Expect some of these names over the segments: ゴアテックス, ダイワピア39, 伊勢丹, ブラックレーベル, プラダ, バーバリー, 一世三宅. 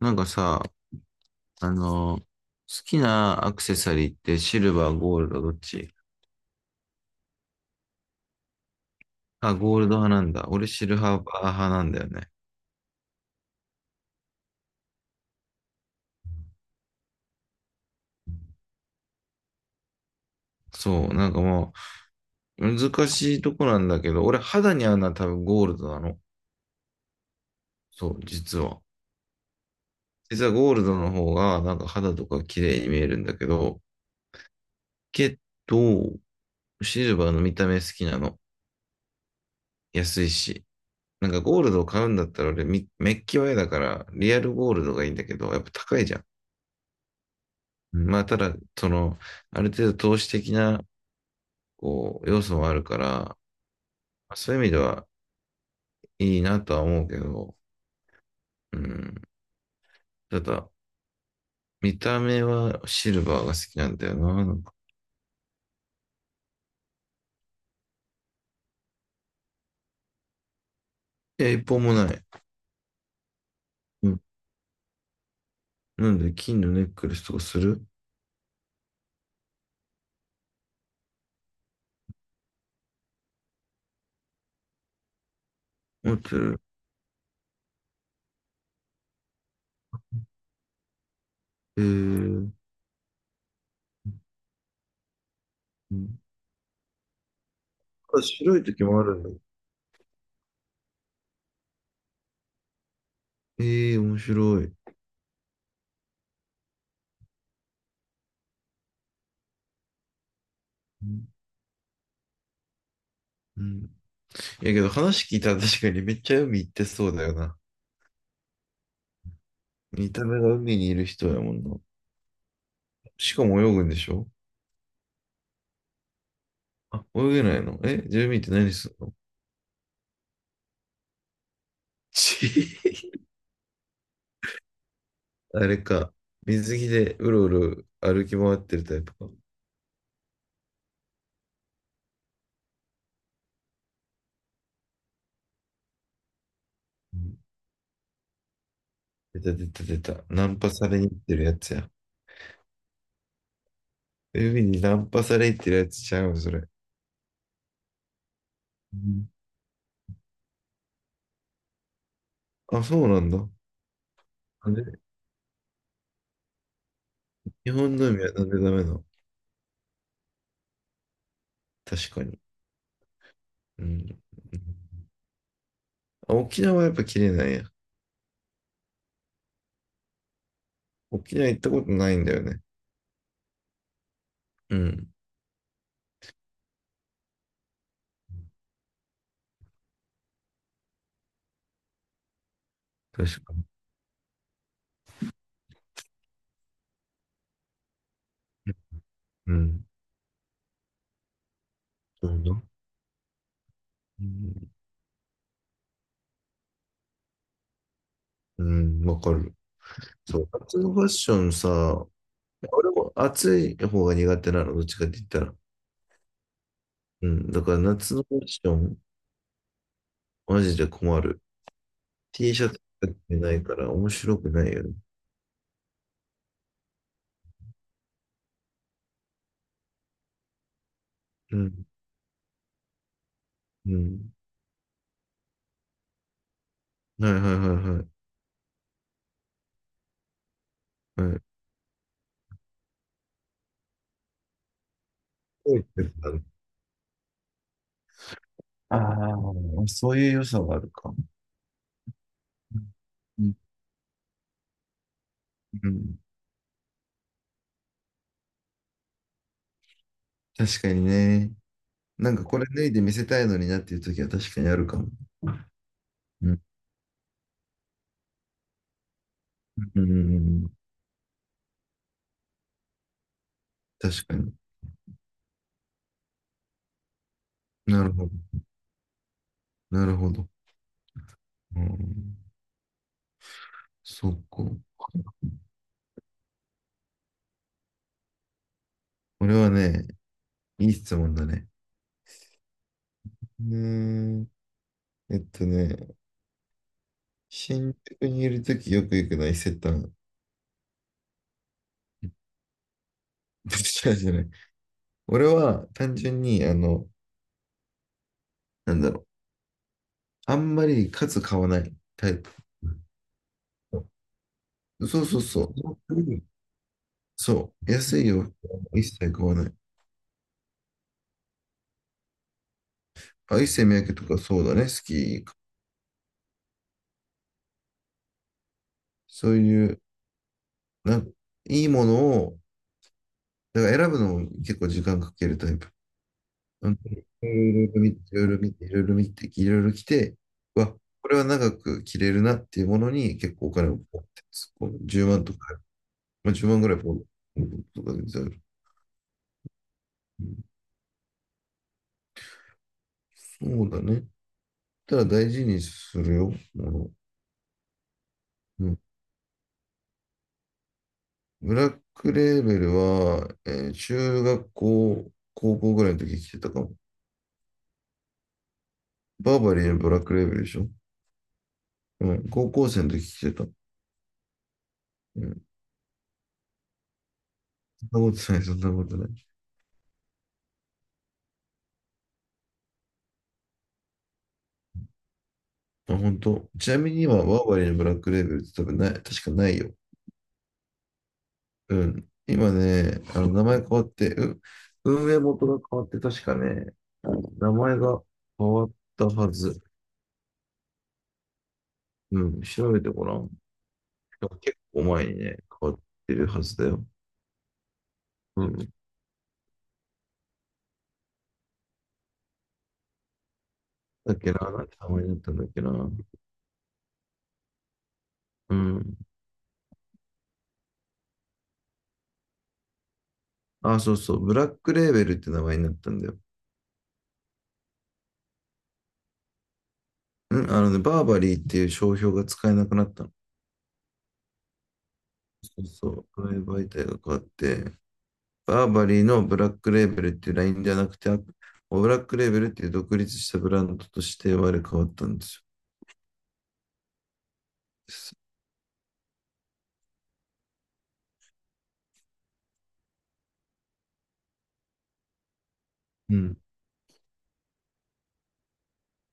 なんかさ、好きなアクセサリーってシルバー、ゴールド、どっち？あ、ゴールド派なんだ。俺シルバー派なんだよね。そう、なんかもう、難しいとこなんだけど、俺肌に合うのは多分ゴールドなの。そう、実は。実はゴールドの方が、なんか肌とか綺麗に見えるんだけど、けど、シルバーの見た目好きなの。安いし。なんかゴールドを買うんだったら俺みメッキは嫌だから、リアルゴールドがいいんだけど、やっぱ高いじゃん。まあ、ただ、その、ある程度投資的な、こう、要素もあるから、そういう意味ではいいなとは思うけど、うん。ただ、見た目はシルバーが好きなんだよな。なんか、いや、一本もない。うん。なんで、金のネックレスとかする？持ってる。えー、うん、あ、白い時もあるんだ。ええー、面白い。うん、うん。いやけど話聞いたら確かにめっちゃ海行ってそうだよな。見た目が海にいる人やもんな。しかも泳ぐんでしょ？あ、泳げないの？え、住民って何するの？ち あれか。水着でうろうろ歩き回ってるタイプか。うん、出た出た出た。ナンパされに行ってるやつや。海にナンパされに行ってるやつちゃうそれ。うん、あ、そうなんだ。なんで日本の海はなんでダメなの？確かに。うん。あ、沖縄はやっぱ綺麗なんや。沖縄行ったことないんだよね。うん。確かに。うん。そうだ。うん、うん、わかる。そう。夏のファッションさ、俺も暑い方が苦手なの、どっちかって言ったら。うん、だから夏のファッション、マジで困る。T シャツ着てないから面白くないよね。うん、うん。はいはいはいはい。はい。こう言ってたの？ああ、そういう良さはあるか。うん、うん、確かにね。なんかこれ脱いで見せたいのになっていう時は確かにあるかも。うん、うん、うん、うん、確かに。なるほど。なるほど。うん、そっか。これはね、いい質問だね。うーん。えっとね、新宿にいるときよく行くのは伊勢丹。違うじゃない。俺は単純に、なんだろう。あんまり数買わないタイプ。そうそうそう。うん、そう。安い洋服は一切買わない。あ、一世三宅とかそうだね。好き。そういう、なんか、いいものを、だから選ぶのも結構時間かけるタイプ。うん、いろいろ見て、いろいろ見て、いろいろ見て、いろいろ来て、うわ、これは長く着れるなっていうものに結構お金をポンって突っ込む。10万とか、まあ、10万ぐらいポンとかで出る。そうだね。ただ大事にするよ、もの。うん、ブラックレーベルは、中学校、高校ぐらいの時着てたかも。バーバリーのブラックレーベルでしょ？うん、高校生の時着てた。うん、そんなことない、そんなことない。あ、本当。ちなみに今、ワーバリーのブラックレーベルって多分ない、確かないよ。うん。今ね、名前変わって、運営元が変わって、確かね、名前が変わったはず。うん。調べてごらん。結構前にね、変わってるはずだよ。うん。だっけな、なんて名前になったんだっけな。うん。あ、そうそう。ブラックレーベルって名前になったんだよ。うん。あのね、バーバリーっていう商標が使えなくなったの。そうそう。この媒体が変わって、バーバリーのブラックレーベルっていうラインじゃなくて、ブラックレーベルっていう独立したブランドとして我々変わったんですよ。うん、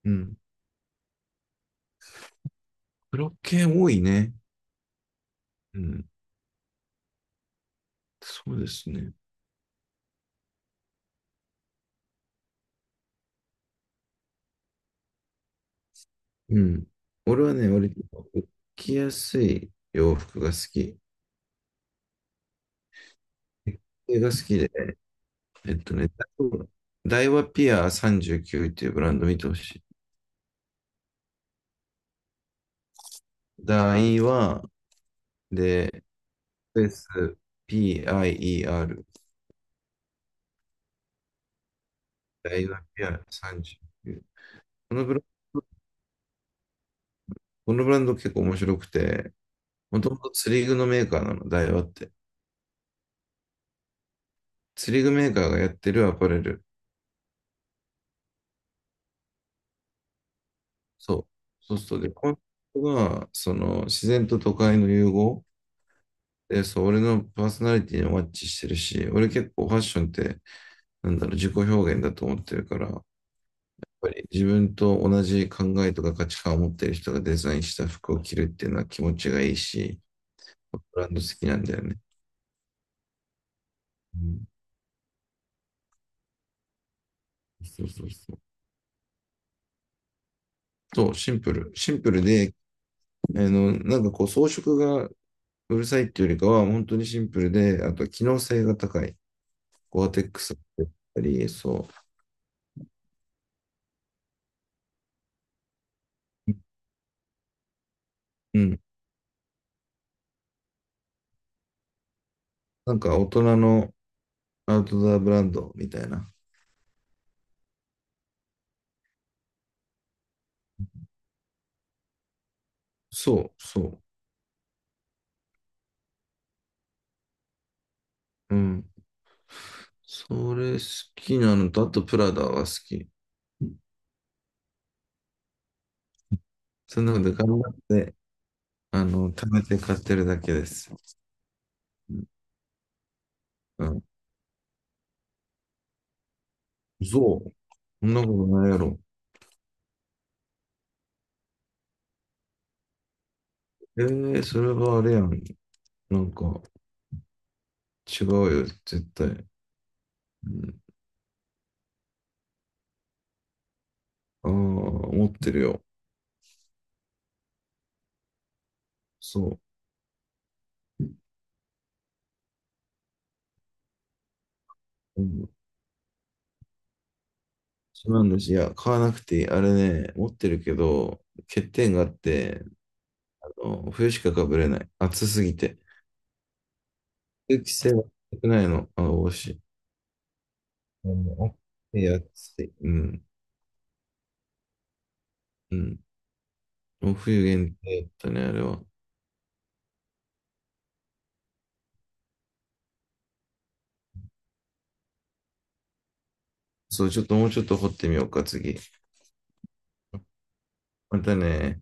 うん。ブロッケ多いね。うん、そうですね。うん。俺はね、割と着やすい洋服が好き。絵が好きで、えっとね、ダイワピア39っていうブランド見てほしい。ダイワで、スペース PIER、ダイワピア39。このブランこのブランド結構面白くて、もともと釣り具のメーカーなの、ダイワって。釣り具メーカーがやってるアパレル。そう。そうすると、で、コンセプトが、その、自然と都会の融合。で、そう、俺のパーソナリティにマッチしてるし、俺結構ファッションって、なんだろう、自己表現だと思ってるから、やっぱり自分と同じ考えとか価値観を持ってる人がデザインした服を着るっていうのは気持ちがいいし、ブランド好きなんだよね。うん、そうそうそう。そう、シンプル。シンプルで、なんかこう装飾がうるさいっていうよりかは、本当にシンプルで、あとは機能性が高い。ゴアテックスだったり、そう。うん。なんか大人のアウトドアブランドみたいな。そう、そう。うん。それ好きなのと、あとプラダは好き。そんなことで頑張って、貯めて買ってるだけです。うん。そう。そんなことないやろ。ええー、それはあれやん。なんか違うよ、絶対。うん、ああ、持ってるよ。そう。うん。そうなんです。いや、買わなくていい。あれね、持ってるけど、欠点があって、冬しかかぶれない。暑すぎて。空気性は少ないの。あの、帽子。あの、暑い、暑い。うん。うん。もう冬限定だったね、あれは。そう、ちょっともうちょっと掘ってみようか、次。またね。